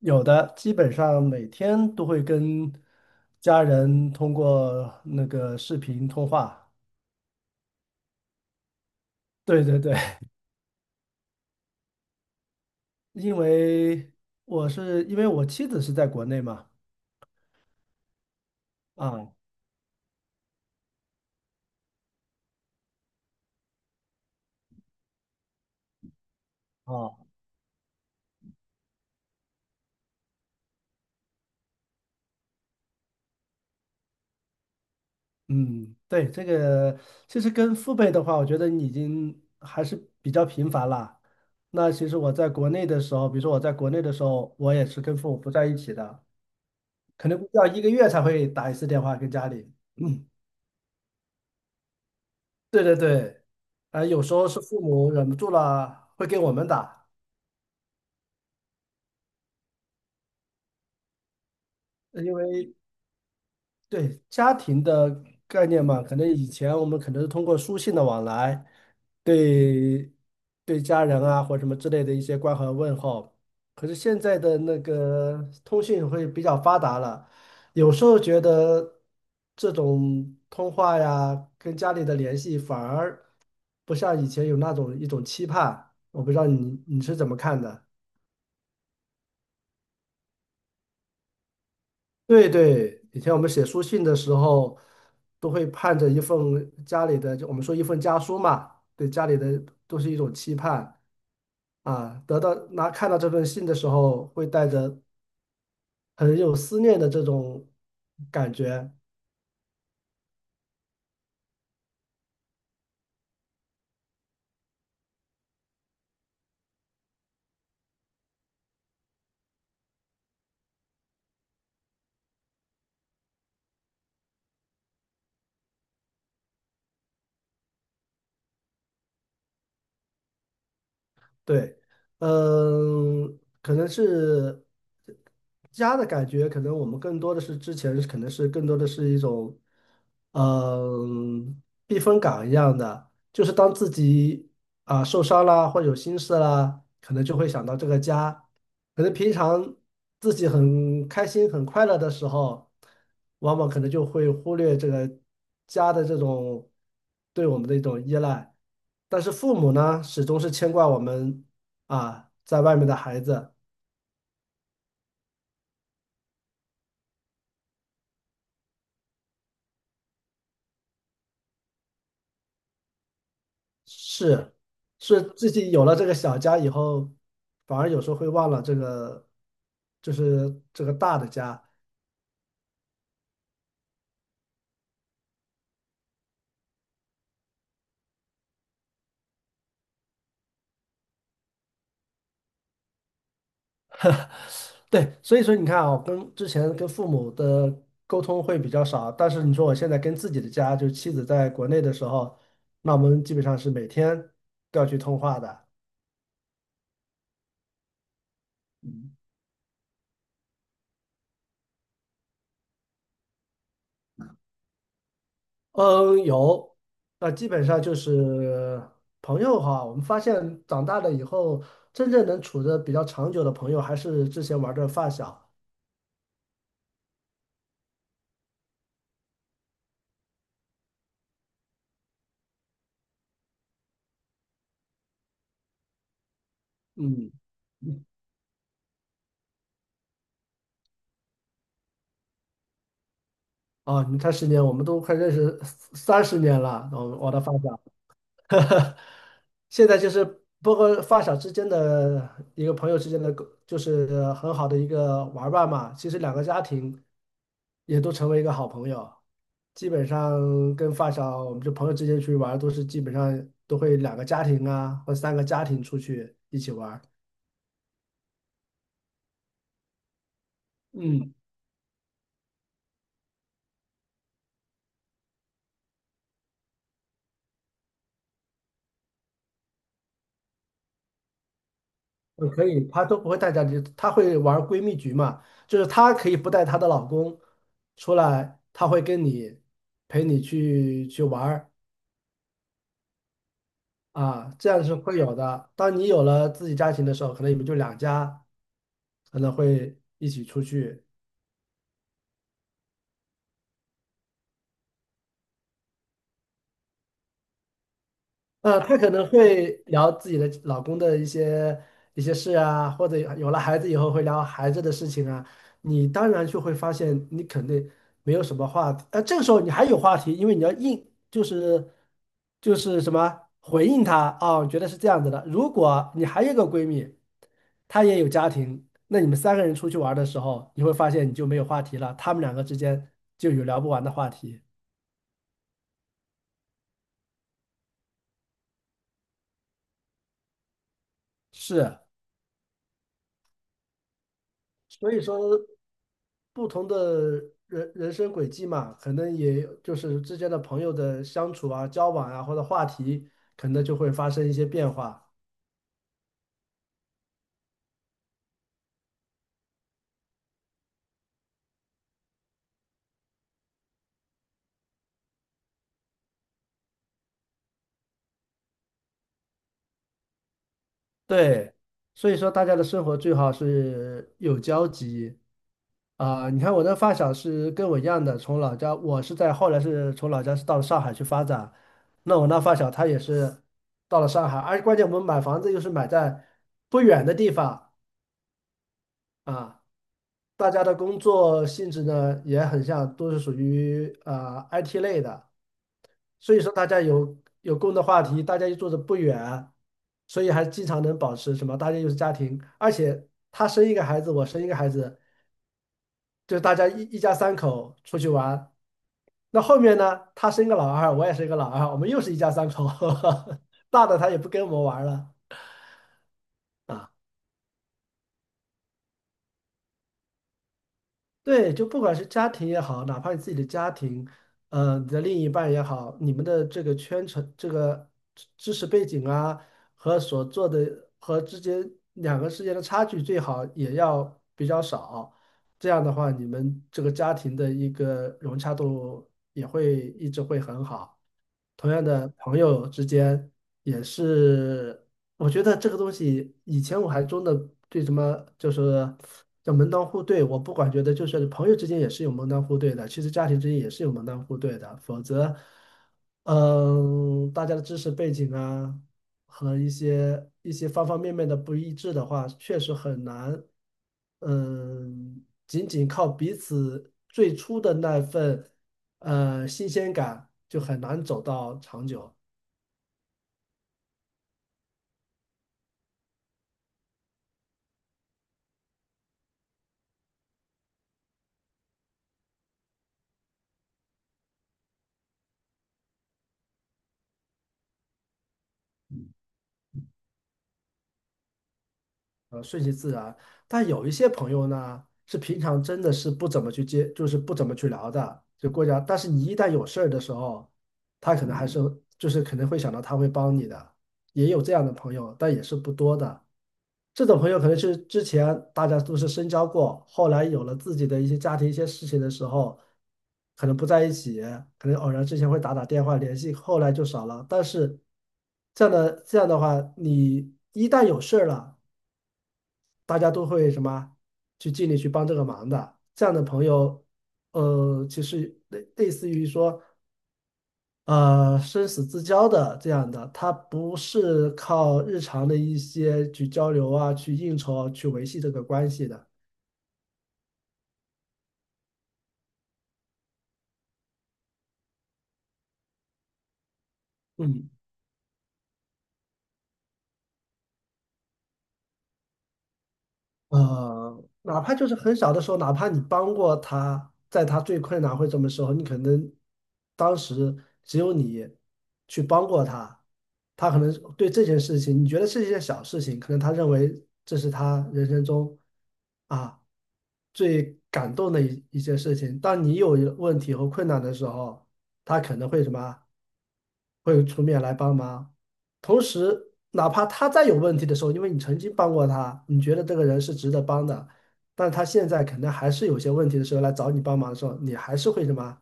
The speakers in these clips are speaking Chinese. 有的，基本上每天都会跟家人通过那个视频通话。对对对，因为因为我妻子是在国内嘛，啊啊，嗯，对，这个其实跟父辈的话，我觉得你已经还是比较频繁了。那其实我在国内的时候，比如说我在国内的时候，我也是跟父母不在一起的，可能要一个月才会打一次电话跟家里。嗯。对对对，啊、有时候是父母忍不住了，会给我们打，因为对家庭的概念嘛，可能以前我们可能是通过书信的往来，对对家人啊或什么之类的一些关怀问候，可是现在的那个通讯会比较发达了，有时候觉得这种通话呀，跟家里的联系反而不像以前有那种一种期盼，我不知道你是怎么看的。对对，以前我们写书信的时候，都会盼着一份家里的，就我们说一份家书嘛，对家里的都是一种期盼啊。得到拿看到这份信的时候，会带着很有思念的这种感觉。对，嗯，可能是家的感觉，可能我们更多的是之前可能是更多的是一种，嗯，避风港一样的，就是当自己啊、受伤啦或有心事啦，可能就会想到这个家。可能平常自己很开心、很快乐的时候，往往可能就会忽略这个家的这种对我们的一种依赖。但是父母呢，始终是牵挂我们啊，在外面的孩子。是是自己有了这个小家以后，反而有时候会忘了这个，就是这个大的家。对，所以说你看啊，跟之前跟父母的沟通会比较少，但是你说我现在跟自己的家，就是妻子在国内的时候，那我们基本上是每天都要去通话的。嗯，有，那基本上就是朋友哈，我们发现长大了以后，真正能处的比较长久的朋友，还是之前玩的发小。嗯，啊，你看十年，我们都快认识30年了，我的发小。现在就是包括发小之间的一个朋友之间的，就是很好的一个玩伴嘛。其实两个家庭也都成为一个好朋友，基本上跟发小，我们就朋友之间出去玩儿都是基本上都会两个家庭啊，或三个家庭出去一起玩儿。嗯，我可以，她都不会带家庭，她会玩闺蜜局嘛，就是她可以不带她的老公出来，她会跟你陪你去玩儿。啊，这样是会有的。当你有了自己家庭的时候，可能你们就两家可能会一起出去，她可能会聊自己的老公的一些事啊，或者有了孩子以后会聊孩子的事情啊。你当然就会发现，你肯定没有什么话题。这个时候你还有话题，因为你要应，就是什么回应她啊，我觉得是这样子的。如果你还有一个闺蜜，她也有家庭，那你们三个人出去玩儿的时候，你会发现你就没有话题了，他们两个之间就有聊不完的话题。是，所以说。不同的人生轨迹嘛，可能也就是之间的朋友的相处啊、交往啊，或者话题，可能就会发生一些变化。对，所以说大家的生活最好是有交集啊、你看我的发小是跟我一样的，从老家，我是在后来是从老家是到了上海去发展，那我那发小他也是到了上海，而关键我们买房子又是买在不远的地方啊。大家的工作性质呢也很像，都是属于啊、IT 类的，所以说大家有共同的话题，大家又住的不远，所以还经常能保持什么，大家又是家庭，而且他生一个孩子，我生一个孩子，就是大家一家三口出去玩。那后面呢，他生个老二，我也生个老二，我们又是一家三口，大的他也不跟我们玩了。啊。对，就不管是家庭也好，哪怕你自己的家庭，你的另一半也好，你们的这个圈层、这个知识背景啊，和所做的和之间两个之间的差距，最好也要比较少。这样的话，你们这个家庭的一个融洽度也会一直会很好。同样的朋友之间也是，我觉得这个东西以前我还真的对什么就是叫门当户对，我不管觉得就是朋友之间也是有门当户对的，其实家庭之间也是有门当户对的，否则，嗯，大家的知识背景啊和一些方方面面的不一致的话，确实很难，嗯，仅仅靠彼此最初的那份。新鲜感就很难走到长久，顺其自然。但有一些朋友呢，是平常真的是不怎么去接，就是不怎么去聊的，就过家。但是你一旦有事儿的时候，他可能还是就是可能会想到他会帮你的，也有这样的朋友，但也是不多的。这种朋友可能是之前大家都是深交过，后来有了自己的一些家庭、一些事情的时候，可能不在一起，可能偶然之前会打打电话联系，后来就少了。但是这样的话，你一旦有事儿了，大家都会什么去尽力去帮这个忙的。这样的朋友，其实类似于说生死之交的这样的，它不是靠日常的一些去交流啊、去应酬啊、去维系这个关系的。嗯。哪怕就是很小的时候，哪怕你帮过他，在他最困难或者什么时候，你可能当时只有你去帮过他，他可能对这件事情，你觉得是一件小事情，可能他认为这是他人生中啊最感动的一件事情。当你有问题和困难的时候，他可能会什么啊，会出面来帮忙。同时，哪怕他再有问题的时候，因为你曾经帮过他，你觉得这个人是值得帮的，但他现在可能还是有些问题的时候来找你帮忙的时候，你还是会什么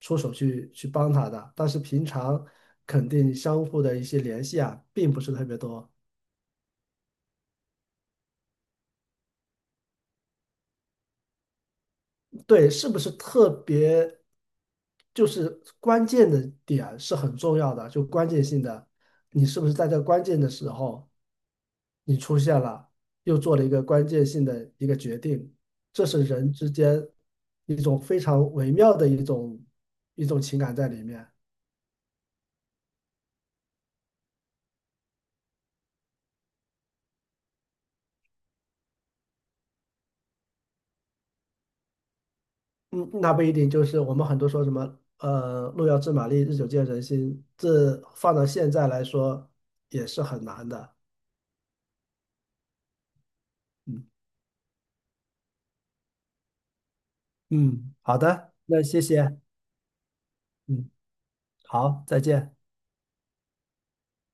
出手去帮他的。但是平常肯定相互的一些联系啊，并不是特别多。对，是不是特别，就是关键的点是很重要的，就关键性的，你是不是在这个关键的时候，你出现了，又做了一个关键性的一个决定，这是人之间一种非常微妙的一种情感在里面。嗯，那不一定，就是我们很多说什么，路遥知马力，日久见人心，这放到现在来说也是很难的。嗯嗯，好的，那谢谢。嗯，好，再见。